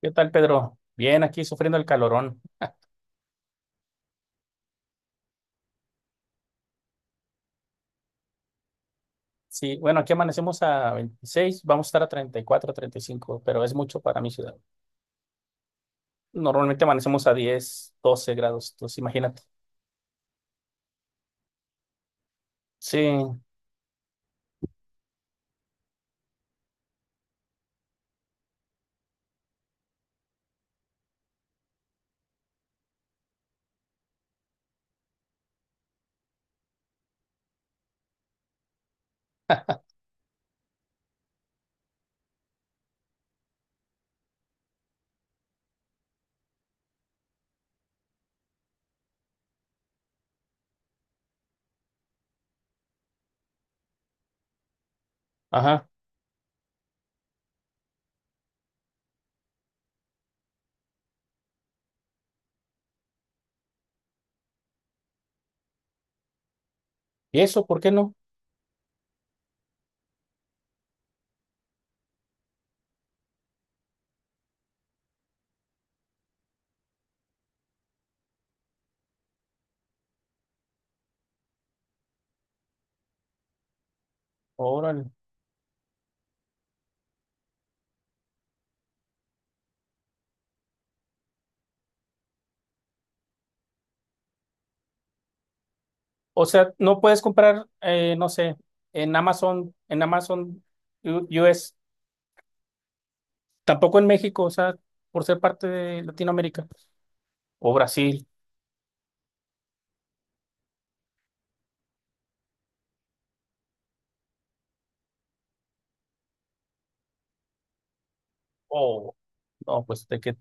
¿Qué tal, Pedro? Bien, aquí sufriendo el calorón. Sí, bueno, aquí amanecemos a 26, vamos a estar a 34, 35, pero es mucho para mi ciudad. Normalmente amanecemos a 10, 12 grados, entonces imagínate. Sí, ajá. ¿Y eso por qué no? Órale. O sea, no puedes comprar, no sé, en Amazon US, tampoco en México, o sea, por ser parte de Latinoamérica o Brasil. O no, pues de que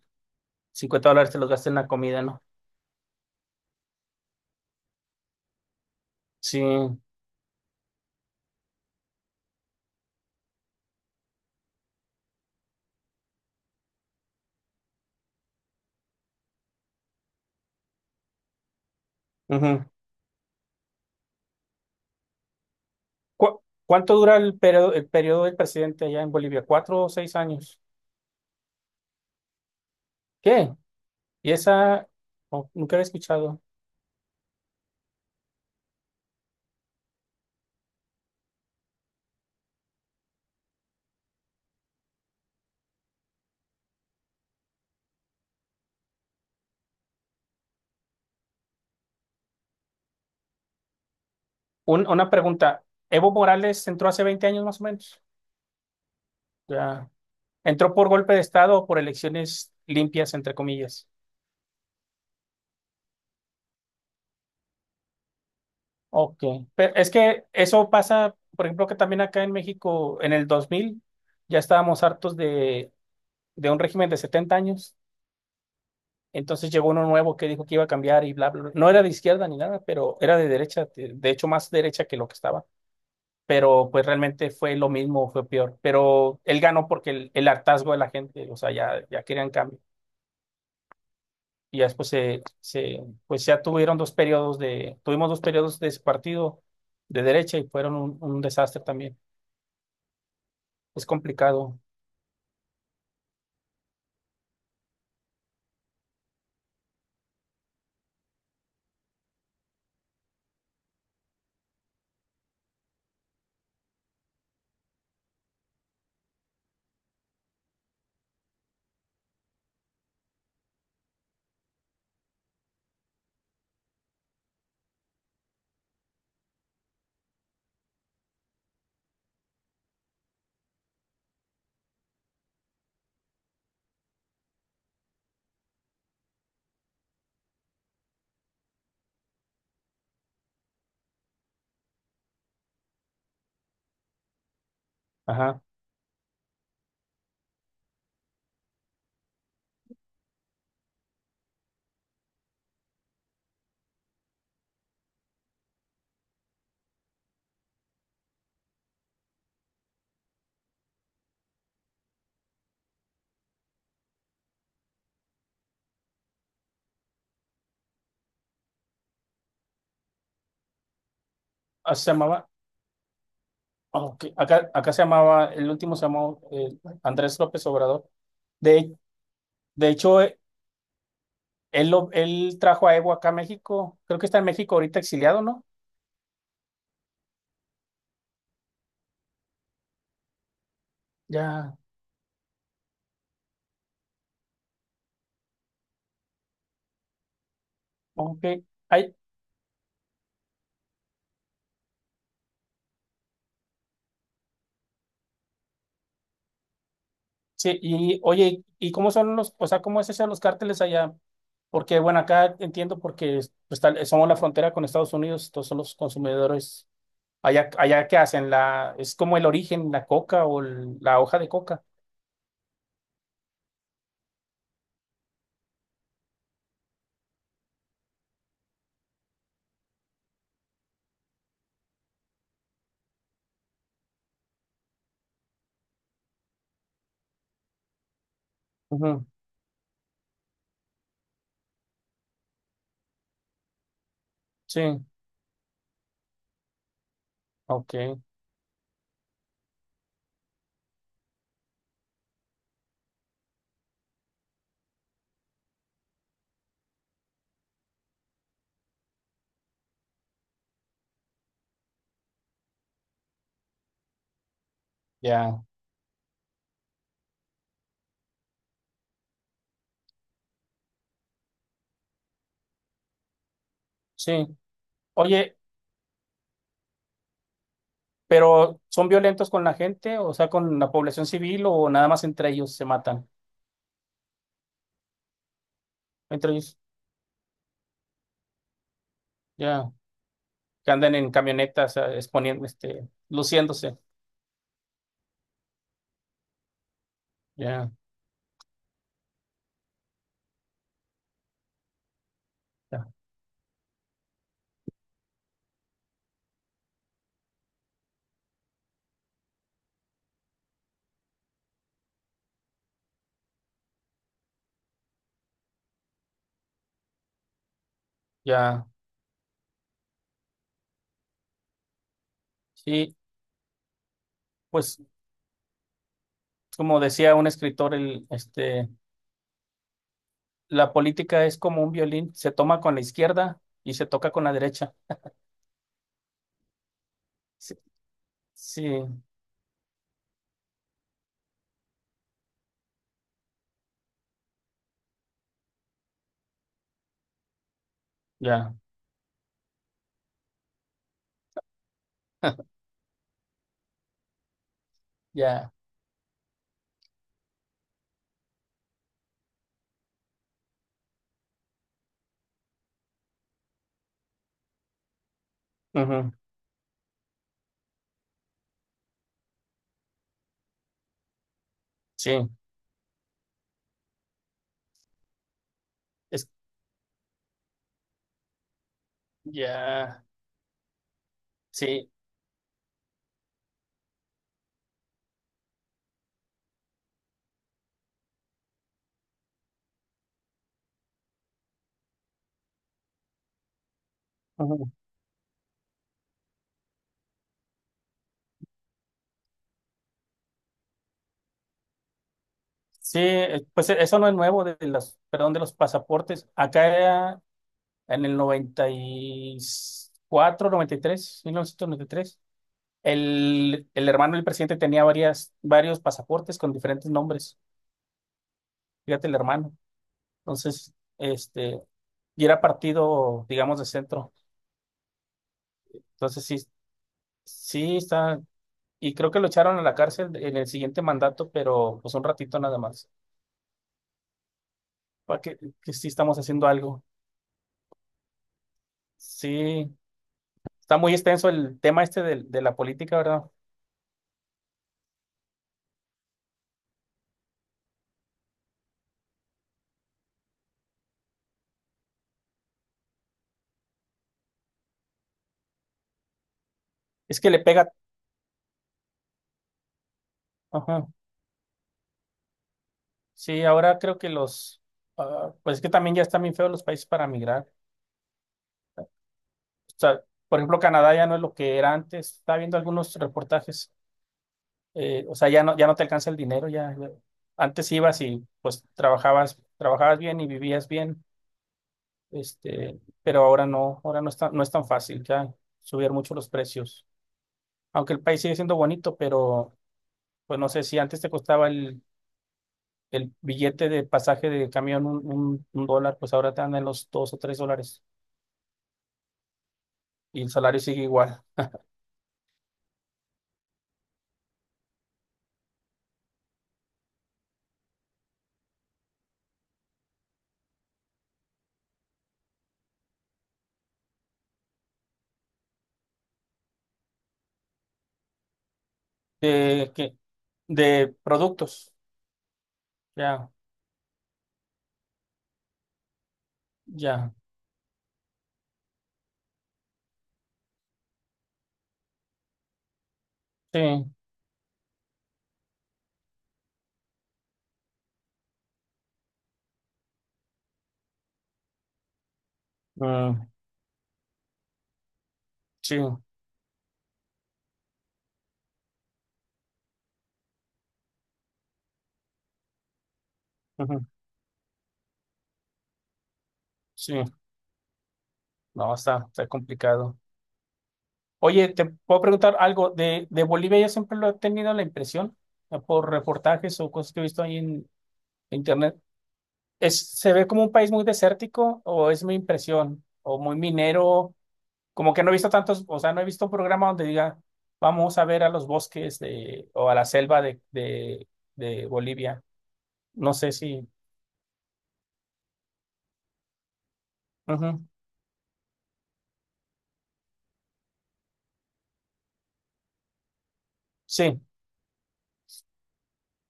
50 dólares te los gastes en la comida, ¿no? Sí. Ujú. Cuánto dura el periodo del presidente allá en Bolivia? ¿4 o 6 años? ¿Qué? Y esa... Oh, nunca había escuchado. Una pregunta. Evo Morales entró hace 20 años más o menos. Ya. ¿Entró por golpe de Estado o por elecciones limpias, entre comillas? Ok. Pero es que eso pasa, por ejemplo, que también acá en México, en el 2000 ya estábamos hartos de un régimen de 70 años. Entonces llegó uno nuevo que dijo que iba a cambiar y bla, bla, bla. No era de izquierda ni nada, pero era de derecha, de hecho más derecha que lo que estaba. Pero pues realmente fue lo mismo, fue peor. Pero él ganó porque el hartazgo de la gente, o sea, ya querían cambio. Y ya después pues ya tuvieron tuvimos dos periodos de ese partido de derecha y fueron un desastre también. Es complicado. Ajá. Ah, se llamaba, oh, ok. Acá se llamaba, el último se llamó, Andrés López Obrador. De, de hecho, él trajo a Evo acá a México. Creo que está en México ahorita exiliado, ¿no? Ya, ok. Ay, sí. Y oye, ¿y cómo son los, o sea, cómo es eso de los cárteles allá? Porque, bueno, acá entiendo porque pues, somos la frontera con Estados Unidos, todos son los consumidores. Allá, allá, ¿qué hacen? Es como el origen, la coca o la hoja de coca. Ujú. Sí, ok, ya, sí. Oye, pero ¿son violentos con la gente? O sea, ¿con la población civil o nada más entre ellos se matan? Entre Ya, que andan en camionetas, exponiendo, este, luciéndose. Ya, ya, ya. Sí, pues como decía un escritor, este, la política es como un violín, se toma con la izquierda y se toca con la derecha. Sí, sí, ya, ya, ujú, sí, es, ya, sí. Ujú. Sí, pues eso no es nuevo de las, perdón, de los pasaportes. Acá en el noventa noventa y cuatro, noventa y tres, 1993, el hermano del presidente tenía varias, varios pasaportes con diferentes nombres. Fíjate, el hermano. Entonces, este, y era partido, digamos, de centro. Entonces, sí, sí está. Y creo que lo echaron a la cárcel en el siguiente mandato, pero pues un ratito nada más. Para que sí estamos haciendo algo. Sí, está muy extenso el tema este de la política, ¿verdad? Es que le pega. Ajá. Sí, ahora creo que pues es que también ya están bien feos los países para migrar. O sea, por ejemplo, Canadá ya no es lo que era antes. Estaba viendo algunos reportajes. O sea, ya no, ya no te alcanza el dinero. Antes ibas y pues trabajabas, trabajabas bien y vivías bien. Este, pero ahora no está, no es tan fácil ya subir mucho los precios. Aunque el país sigue siendo bonito, pero pues no sé si antes te costaba el billete de pasaje de camión $1, pues ahora te dan en los $2 o $3. Y el salario sigue igual. De, que, de productos. Ya, ya. Sí. Mm, sí. Ujú, sí. No, está complicado. Oye, te puedo preguntar algo. De Bolivia yo siempre lo he tenido la impresión, por reportajes o cosas que he visto ahí en internet. ¿Se ve como un país muy desértico o es mi impresión? O muy minero. Como que no he visto tantos, o sea, no he visto un programa donde diga: vamos a ver a los bosques de, o a la selva de Bolivia. No sé si. Ujú, sí,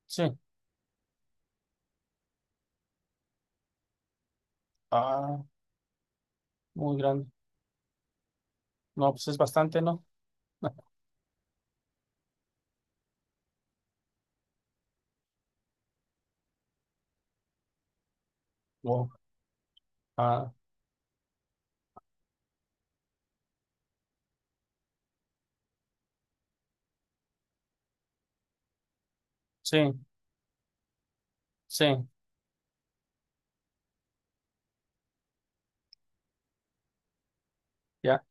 sí. Ah, muy grande. No, pues es bastante, ¿no? Wow. Ah, sí, sí, ya.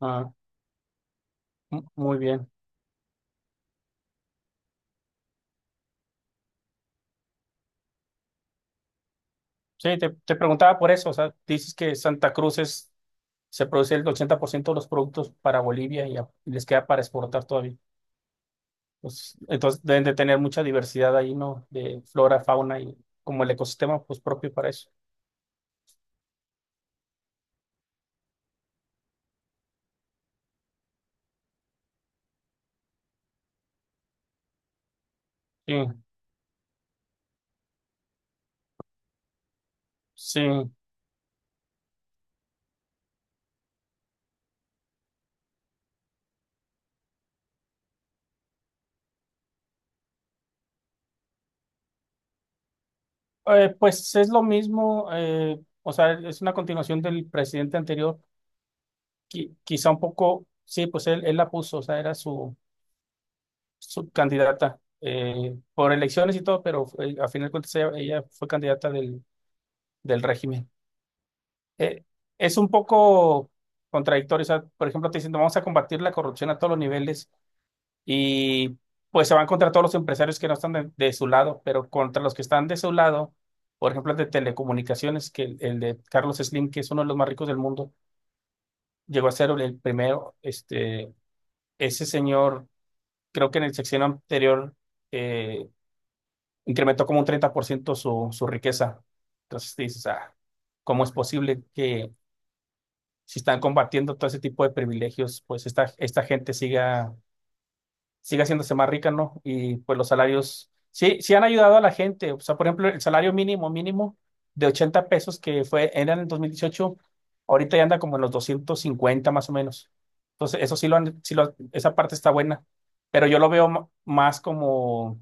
Ah, muy bien. Sí, te preguntaba por eso. O sea, dices que Santa Cruz se produce el 80% de los productos para Bolivia y, y les queda para exportar todavía. Pues, entonces deben de tener mucha diversidad ahí, ¿no? De flora, fauna y como el ecosistema pues propio para eso. Sí, sí. Pues es lo mismo, o sea, es una continuación del presidente anterior, quizá un poco, sí, pues él la puso, o sea, era su candidata, por elecciones y todo, pero a final de cuentas ella fue candidata del régimen. Eh, es un poco contradictorio, o sea, por ejemplo, te dicen: vamos a combatir la corrupción a todos los niveles y pues se van contra todos los empresarios que no están de su lado, pero contra los que están de su lado, por ejemplo, el de telecomunicaciones, que el de Carlos Slim, que es uno de los más ricos del mundo, llegó a ser el primero, este, ese señor, creo que en el sexenio anterior, eh, incrementó como un 30% su riqueza. Entonces te dices: ah, ¿cómo es posible que si están combatiendo todo ese tipo de privilegios, pues esta gente siga sigue haciéndose más rica? ¿No? Y pues los salarios, sí, sí han ayudado a la gente. O sea, por ejemplo, el salario mínimo, mínimo de $80 que fue, era en el 2018, ahorita ya anda como en los 250 más o menos. Entonces, eso sí lo han, sí lo, esa parte está buena, pero yo lo veo más como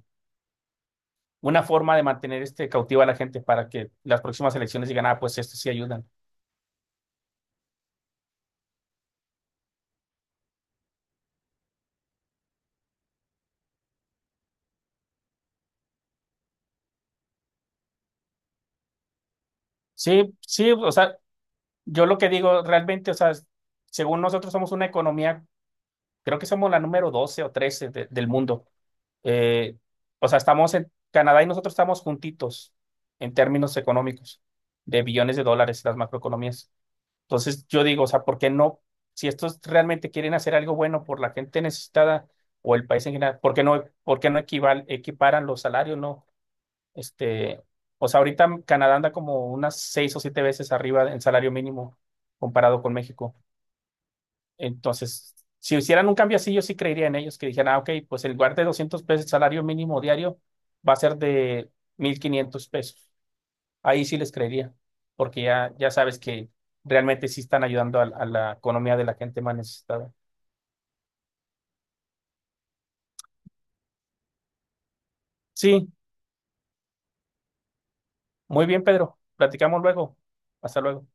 una forma de mantener este cautiva a la gente para que las próximas elecciones digan: ah, pues esto sí ayudan. Sí, sí, o sea, yo lo que digo realmente, o sea, según nosotros somos una economía. Creo que somos la número 12 o 13 del mundo. Eh, o sea, estamos en Canadá y nosotros estamos juntitos en términos económicos de billones de dólares las macroeconomías. Entonces, yo digo, o sea, ¿por qué no? Si estos realmente quieren hacer algo bueno por la gente necesitada o el país en general, por qué no equiparan los salarios? ¿No? Este, o sea, ahorita Canadá anda como unas seis o siete veces arriba en salario mínimo comparado con México. Entonces, si hicieran un cambio así, yo sí creería en ellos, que dijeran: ah, ok, pues el lugar de $200, el salario mínimo diario va a ser de $1,500. Ahí sí les creería, porque ya sabes que realmente sí están ayudando a la economía de la gente más necesitada. Sí, muy bien, Pedro. Platicamos luego. Hasta luego.